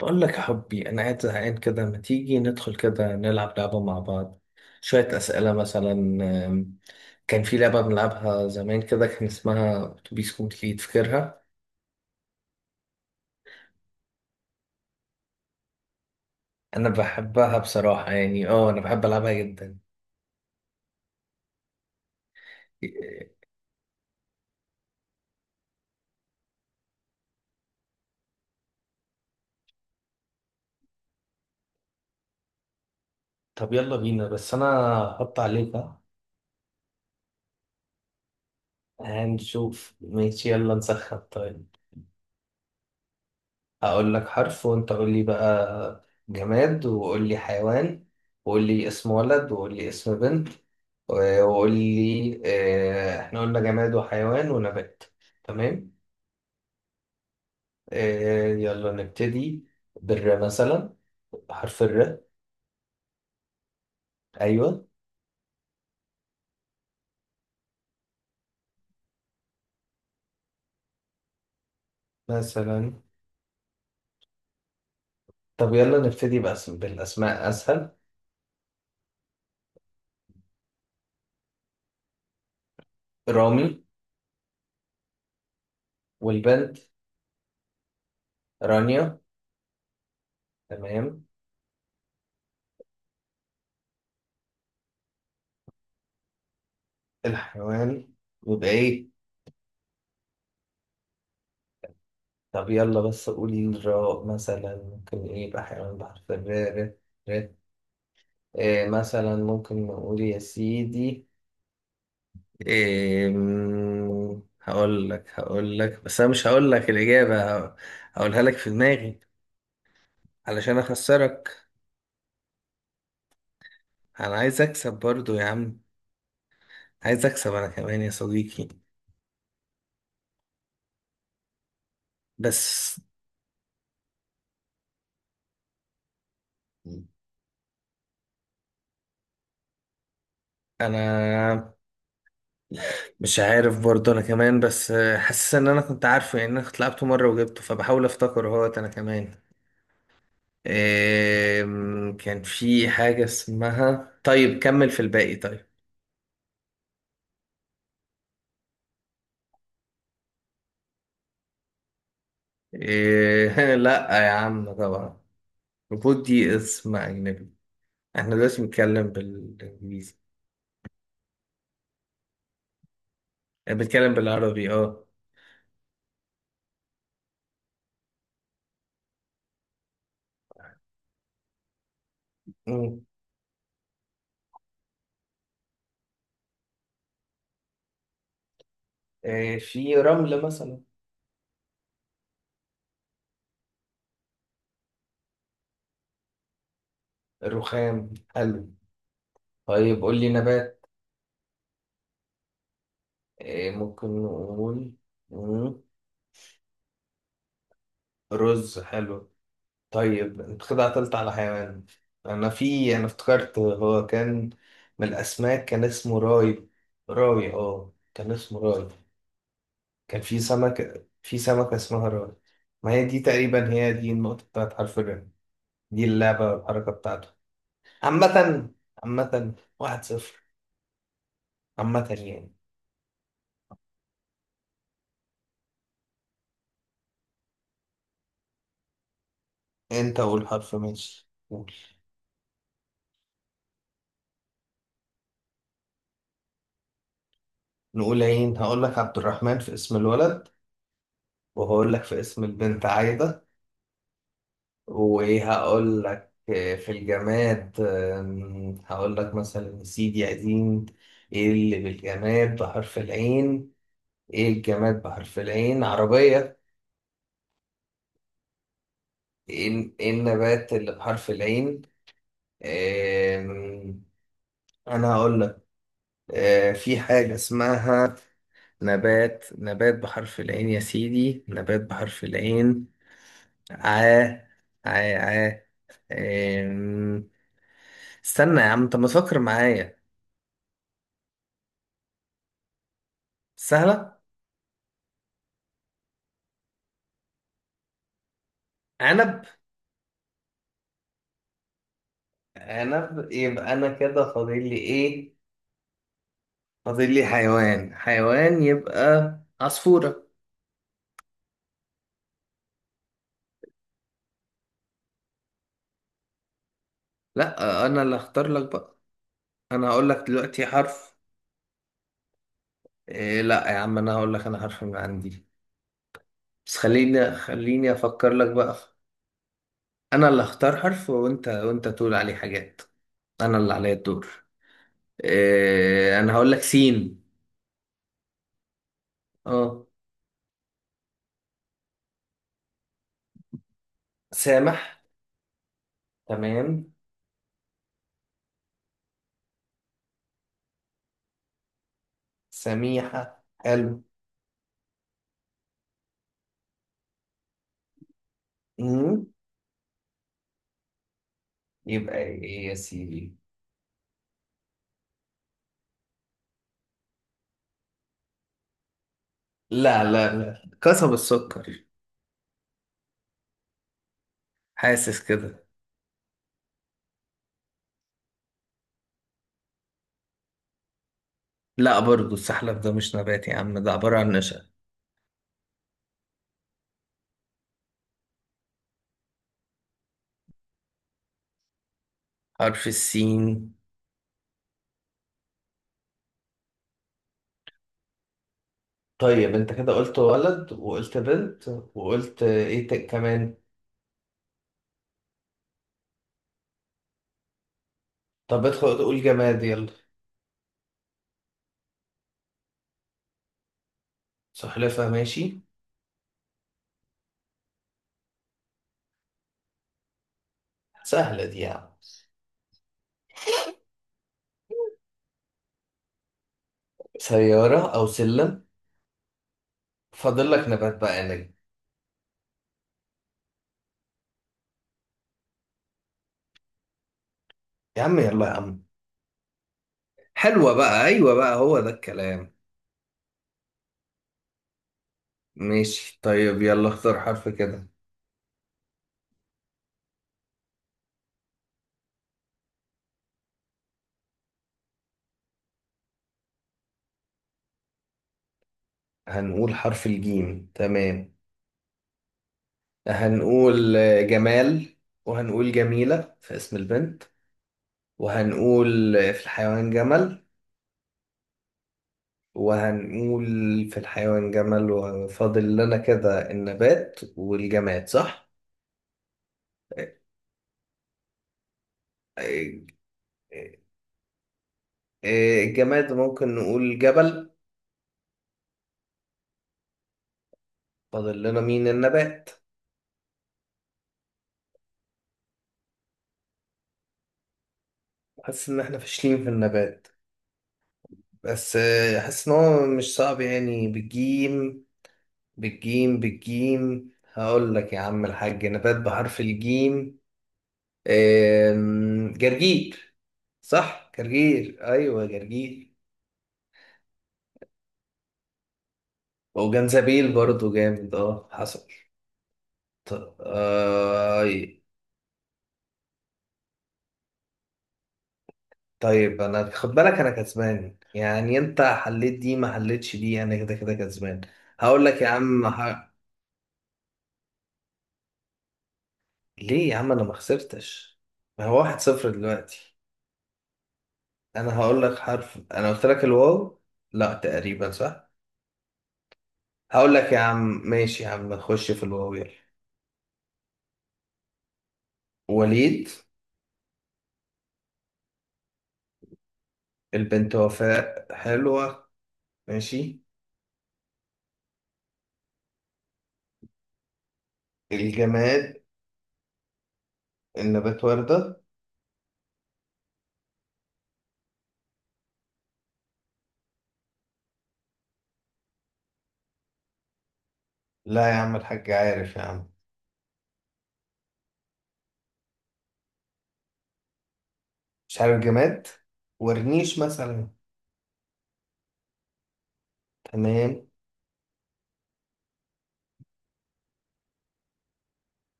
بقول لك يا حبي، أنا قاعد زهقان كده، ما تيجي ندخل كده نلعب لعبة مع بعض؟ شوية أسئلة مثلا. آم، كان في لعبة بنلعبها زمان كده، كان اسمها أتوبيس كومبليت، فاكرها؟ أنا بحبها بصراحة، يعني أنا بحب ألعبها جدا. إيه، طب يلا بينا، بس أنا هحط عليك. هنشوف ماشي، يلا نسخن. طيب، هقول لك حرف وانت قول لي بقى جماد، وقول لي حيوان، وقول لي اسم ولد، وقول لي اسم بنت، وقول لي، احنا قلنا جماد وحيوان ونبات. تمام. يلا نبتدي بالر مثلا، حرف الر. ايوه، مثلا. طب يلا نبتدي بأسم، بالاسماء اسهل. رامي. والبنت؟ رانيا. تمام. الحيوان يبقى ايه؟ طب يلا، بس قولي الراء مثلا ممكن ايه يبقى حيوان بحرف الراء؟ ر- ر. إيه مثلا؟ ممكن نقول يا سيدي إيه؟ هقول لك، بس انا مش هقول لك الإجابة. هقولها لك في دماغي علشان اخسرك. انا عايز اكسب برضو يا عم، عايز اكسب انا كمان يا صديقي. بس انا مش عارف برضو انا كمان، بس حاسس ان انا كنت عارفه، يعني انا كنت لعبته مرة وجبته، فبحاول افتكر اهوت انا كمان. كان في حاجة اسمها، طيب كمل في الباقي طيب. لا يا عم طبعا. ريبوت دي اسم أجنبي، احنا دلوقتي بنتكلم بالإنجليزي؟ بنتكلم بالعربي اه. مم. في رمل مثلا. الرخام حلو. طيب قول لي نبات. ممكن نقول. مم. رز حلو. طيب انت كده قتلت على حيوان. انا افتكرت هو كان من الاسماك، كان اسمه راي. راي، اه كان اسمه راي. كان في سمك، في سمكة اسمها راي. ما هي دي تقريبا هي دي النقطة بتاعت حرف الراء، دي اللعبة والحركة بتاعته. عامة عامة 1-0. عامة يعني. انت قول حرف، ماشي قول. نقول عين. هقول لك عبد الرحمن في اسم الولد، وهقول لك في اسم البنت عايدة. وايه، هقول لك، في الجماد، هقول لك مثلا سيدي قديم. ايه اللي بالجماد بحرف العين؟ ايه الجماد بحرف العين؟ عربية. ايه، إيه النبات اللي بحرف العين؟ آم، انا هقول لك، في حاجة اسمها، نبات، نبات بحرف العين يا سيدي، نبات بحرف العين. عا، عا، عا. آم، استنى يا عم، انت ما تفكر معايا. سهلة. عنب. عنب، يبقى انا كده فاضل لي ايه؟ فاضل لي حيوان. حيوان يبقى عصفورة. لا، انا اللي اختار لك بقى. انا هقول لك دلوقتي حرف. إيه، لا يا عم، انا هقول لك، انا حرف من عندي. بس خليني افكر لك بقى. انا اللي اختار حرف، وانت تقول عليه حاجات، انا اللي عليا الدور. إيه، انا هقول لك سين. اه، سامح، تمام. سميحة حلو. مم. يبقى ايه يا سيدي؟ لا لا لا، قصب السكر. حاسس كده. لا، برضو السحلب ده مش نبات يا عم، ده عبارة عن نشا. حرف السين. طيب انت كده قلت ولد وقلت بنت، وقلت ايه كمان؟ طب ادخل تقول جماد يلا. سلحفاة ماشي. سهلة دي يا عم. سيارة، أو سلم. فاضل لك نبات بقى، نجم. يا عم يلا، يا عم. حلوة بقى، أيوة بقى، هو ده الكلام. ماشي، طيب يلا اختار حرف كده. هنقول حرف الجيم، تمام. هنقول جمال، وهنقول جميلة في اسم البنت، وهنقول في الحيوان جمل. وهنقول في الحيوان جمل، وفاضل لنا كده النبات والجماد صح؟ إيه- إيه، الجماد ممكن نقول جبل. فاضل لنا مين النبات. حاسس ان احنا فاشلين في النبات، بس حاسس ان هو مش صعب يعني بالجيم هقول لك يا عم الحاج، نبات بحرف الجيم، جرجير. صح جرجير، ايوه جرجير. وجنزبيل برضو جامد، اه حصل. آه. طيب انا خد بالك انا كسبان يعني، انت حليت دي ما حليتش دي، انا كده كده كسبان. هقول لك يا عم، ليه يا عم انا ما خسرتش؟ ما هو 1-0 دلوقتي. انا هقول لك حرف، انا قلت لك الواو، لا تقريبا صح. هقول لك يا عم، ماشي يا عم، خش في الواو يلا. وليد. البنت وفاء، حلوة. ماشي. الجماد، النبات وردة. لا يا عم الحاج عارف يا عم. مش عارف جماد. ورنيش مثلا. تمام.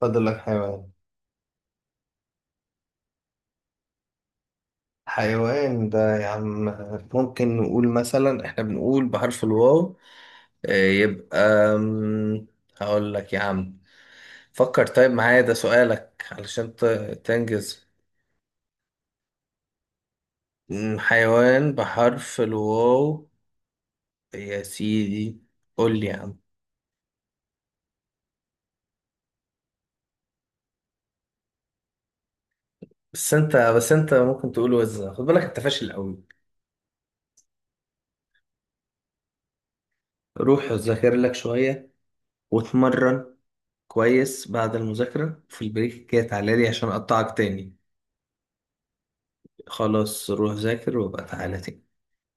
فاضل لك حيوان. حيوان ده يا عم، ممكن نقول مثلا، احنا بنقول بحرف الواو، يبقى، أم، هقول لك يا عم، فكر طيب معايا ده سؤالك علشان تنجز. حيوان بحرف الواو يا سيدي. قول لي يا عم. بس انت ممكن تقول وزة. خد بالك انت فاشل قوي. روح ذاكر لك شوية واتمرن كويس، بعد المذاكرة في البريك كده تعالى لي عشان اقطعك تاني. خلاص روح ذاكر، وابقى تعالى تاني.